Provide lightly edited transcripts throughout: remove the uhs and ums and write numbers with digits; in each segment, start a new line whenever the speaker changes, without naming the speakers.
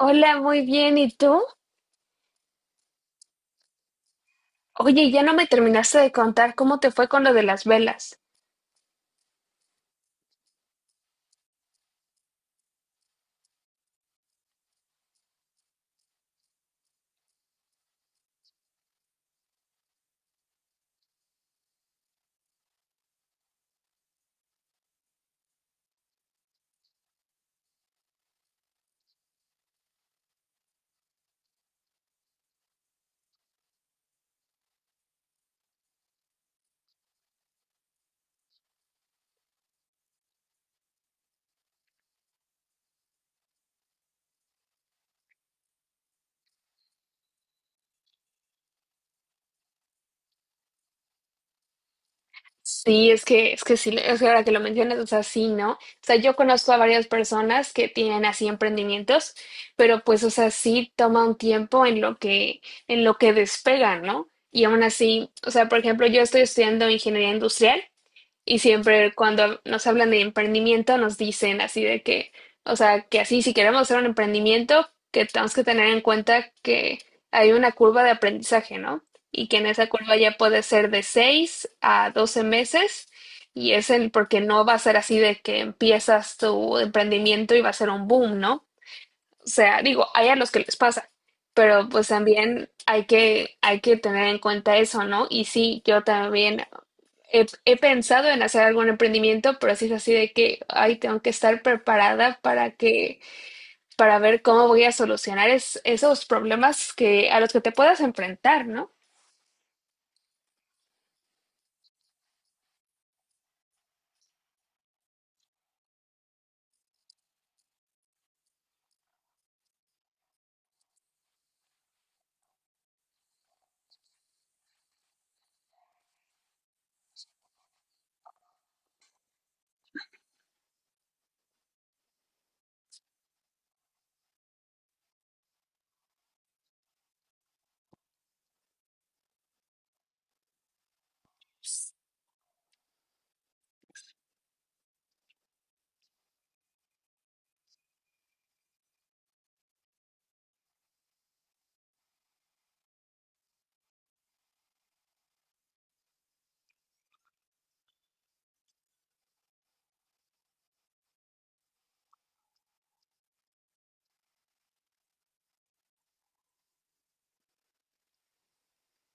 Hola, muy bien. ¿Y tú? Oye, ya no me terminaste de contar cómo te fue con lo de las velas. Sí, es que sí, es que ahora que lo mencionas, o sea, sí, ¿no? O sea, yo conozco a varias personas que tienen así emprendimientos, pero pues, o sea, sí toma un tiempo en lo que despegan, ¿no? Y aún así, o sea, por ejemplo, yo estoy estudiando ingeniería industrial. Y siempre cuando nos hablan de emprendimiento nos dicen así de que, o sea, que así si queremos hacer un emprendimiento, que tenemos que tener en cuenta que hay una curva de aprendizaje, ¿no? Y que en esa curva ya puede ser de 6 a 12 meses. Y es el porque no va a ser así de que empiezas tu emprendimiento y va a ser un boom, ¿no? O sea, digo, hay a los que les pasa, pero pues también hay que tener en cuenta eso, ¿no? Y sí, yo también he pensado en hacer algún emprendimiento, pero sí es así de que, ay, tengo que estar preparada para que, para ver cómo voy a solucionar esos problemas que, a los que te puedas enfrentar, ¿no?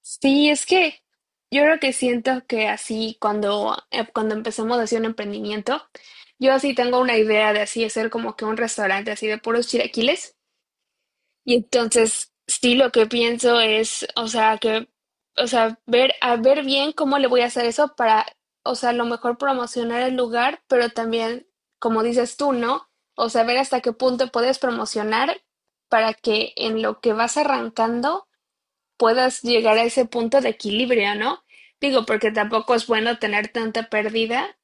Sí, es que yo creo que siento que así cuando, cuando empezamos a hacer un emprendimiento, yo así tengo una idea de así hacer como que un restaurante así de puros chilaquiles. Y entonces, sí, lo que pienso es, o sea, que, o sea, a ver bien cómo le voy a hacer eso para, o sea, a lo mejor promocionar el lugar, pero también, como dices tú, ¿no? O sea, ver hasta qué punto puedes promocionar para que en lo que vas arrancando puedas llegar a ese punto de equilibrio, ¿no? Digo, porque tampoco es bueno tener tanta pérdida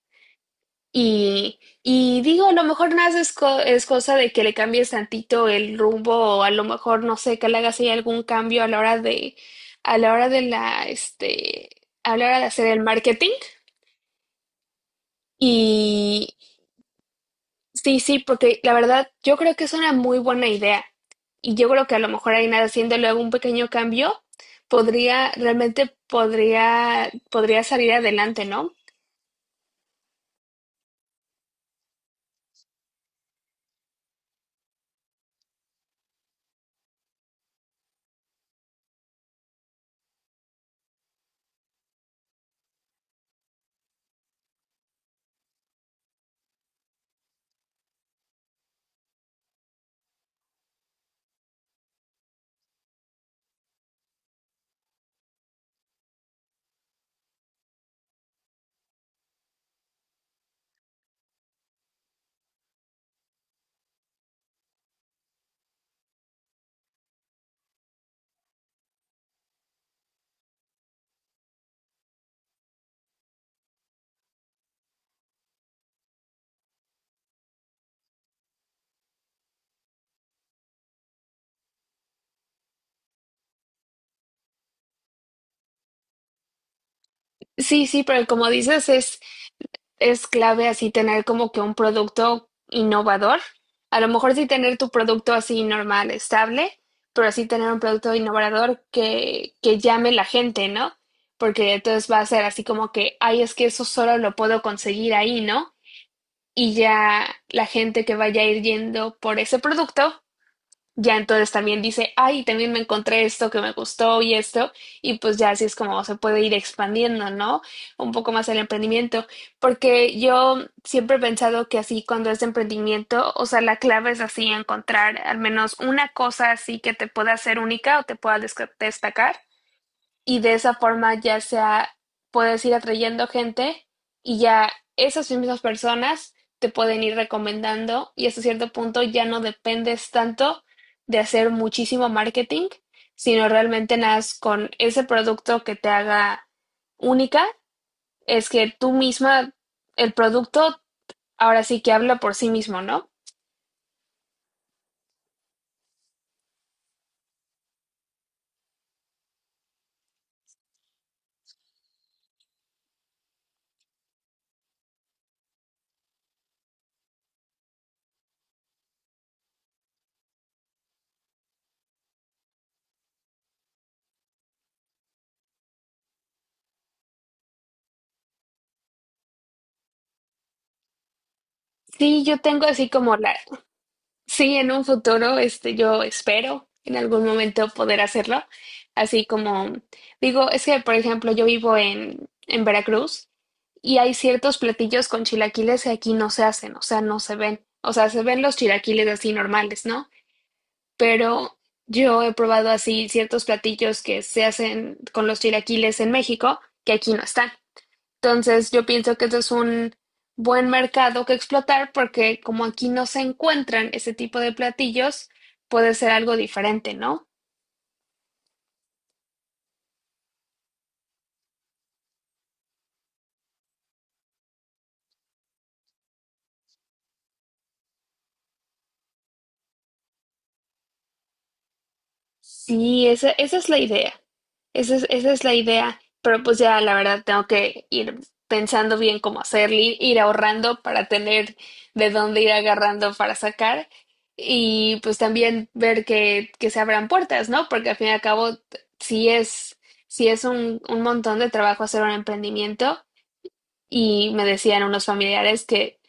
y digo, a lo mejor nada más es cosa de que le cambies tantito el rumbo o a lo mejor, no sé, que le hagas ahí algún cambio a la hora de, a la hora de la, a la hora de hacer el marketing. Y sí, sí, porque la verdad yo creo que es una muy buena idea. Y yo creo que a lo mejor ahí nada, haciéndole algún pequeño cambio, realmente podría salir adelante, ¿no? Sí, sí, pero como dices, es clave así tener como que un producto innovador. A lo mejor sí tener tu producto así normal, estable, pero sí tener un producto innovador que llame la gente, ¿no? Porque entonces va a ser así como que, ay, es que eso solo lo puedo conseguir ahí, ¿no? Y ya la gente que vaya a ir yendo por ese producto ya entonces también dice, ay, también me encontré esto que me gustó y esto, y pues ya así es como se puede ir expandiendo, ¿no? Un poco más el emprendimiento, porque yo siempre he pensado que así cuando es de emprendimiento, o sea, la clave es así encontrar al menos una cosa así que te pueda hacer única o te pueda destacar, y de esa forma ya sea puedes ir atrayendo gente, y ya esas mismas personas te pueden ir recomendando, y hasta cierto punto ya no dependes tanto de hacer muchísimo marketing, sino realmente nadas con ese producto que te haga única, es que tú misma, el producto ahora sí que habla por sí mismo, ¿no? Sí, yo tengo así como la, sí, en un futuro, este, yo espero en algún momento poder hacerlo. Así como digo, es que, por ejemplo, yo vivo en Veracruz, y hay ciertos platillos con chilaquiles que aquí no se hacen, o sea, no se ven. O sea, se ven los chilaquiles así normales, ¿no? Pero yo he probado así ciertos platillos que se hacen con los chilaquiles en México que aquí no están. Entonces, yo pienso que eso es un buen mercado que explotar porque como aquí no se encuentran ese tipo de platillos, puede ser algo diferente, ¿no? Sí, esa es la idea. Esa es la idea. Pero pues ya, la verdad, tengo que ir pensando bien cómo hacerlo, ir ahorrando para tener de dónde ir agarrando para sacar. Y pues también ver que se abran puertas, ¿no? Porque al fin y al cabo, si es, si es un montón de trabajo hacer un emprendimiento. Y me decían unos familiares que,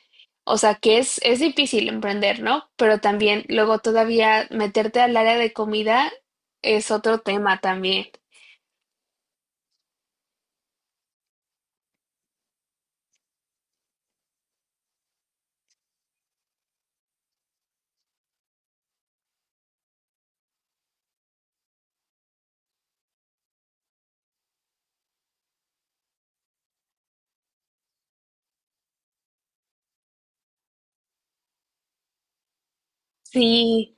o sea, es difícil emprender, ¿no? Pero también luego todavía meterte al área de comida es otro tema también. Sí,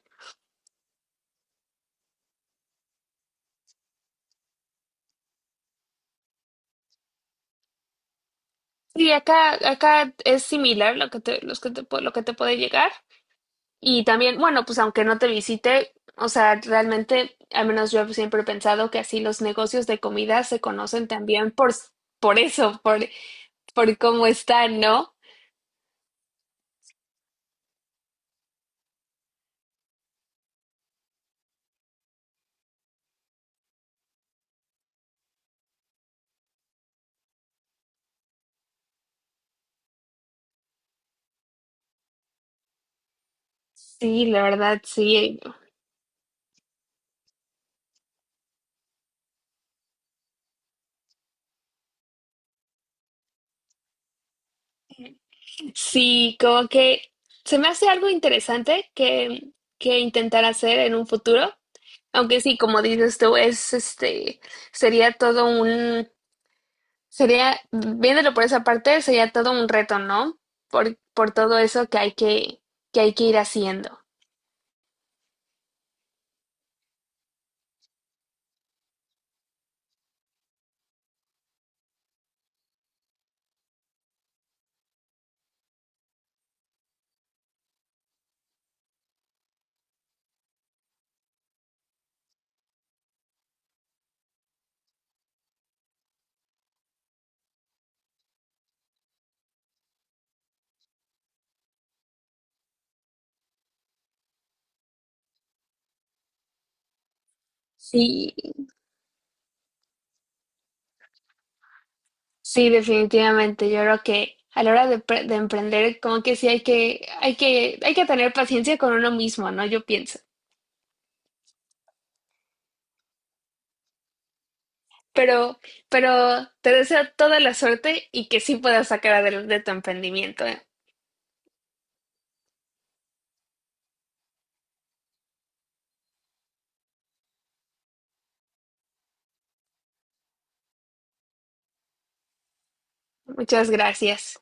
sí, acá, acá es similar lo que te, los lo que te puede llegar. Y también, bueno, pues aunque no te visite, o sea, realmente, al menos yo siempre he pensado que así los negocios de comida se conocen también por eso, por cómo están, ¿no? Sí, la verdad, sí. Sí, como que se me hace algo interesante que intentar hacer en un futuro, aunque sí, como dices tú, es este, sería todo un, sería, viéndolo por esa parte, sería todo un reto, ¿no? Por todo eso que hay que hay que ir haciendo. Sí, sí, definitivamente. Yo creo que a la hora de, de emprender, como que sí hay que, hay que, hay que tener paciencia con uno mismo, ¿no? Yo pienso. Pero, pero te deseo toda la suerte y que sí puedas sacar adelante tu emprendimiento, ¿eh? Muchas gracias.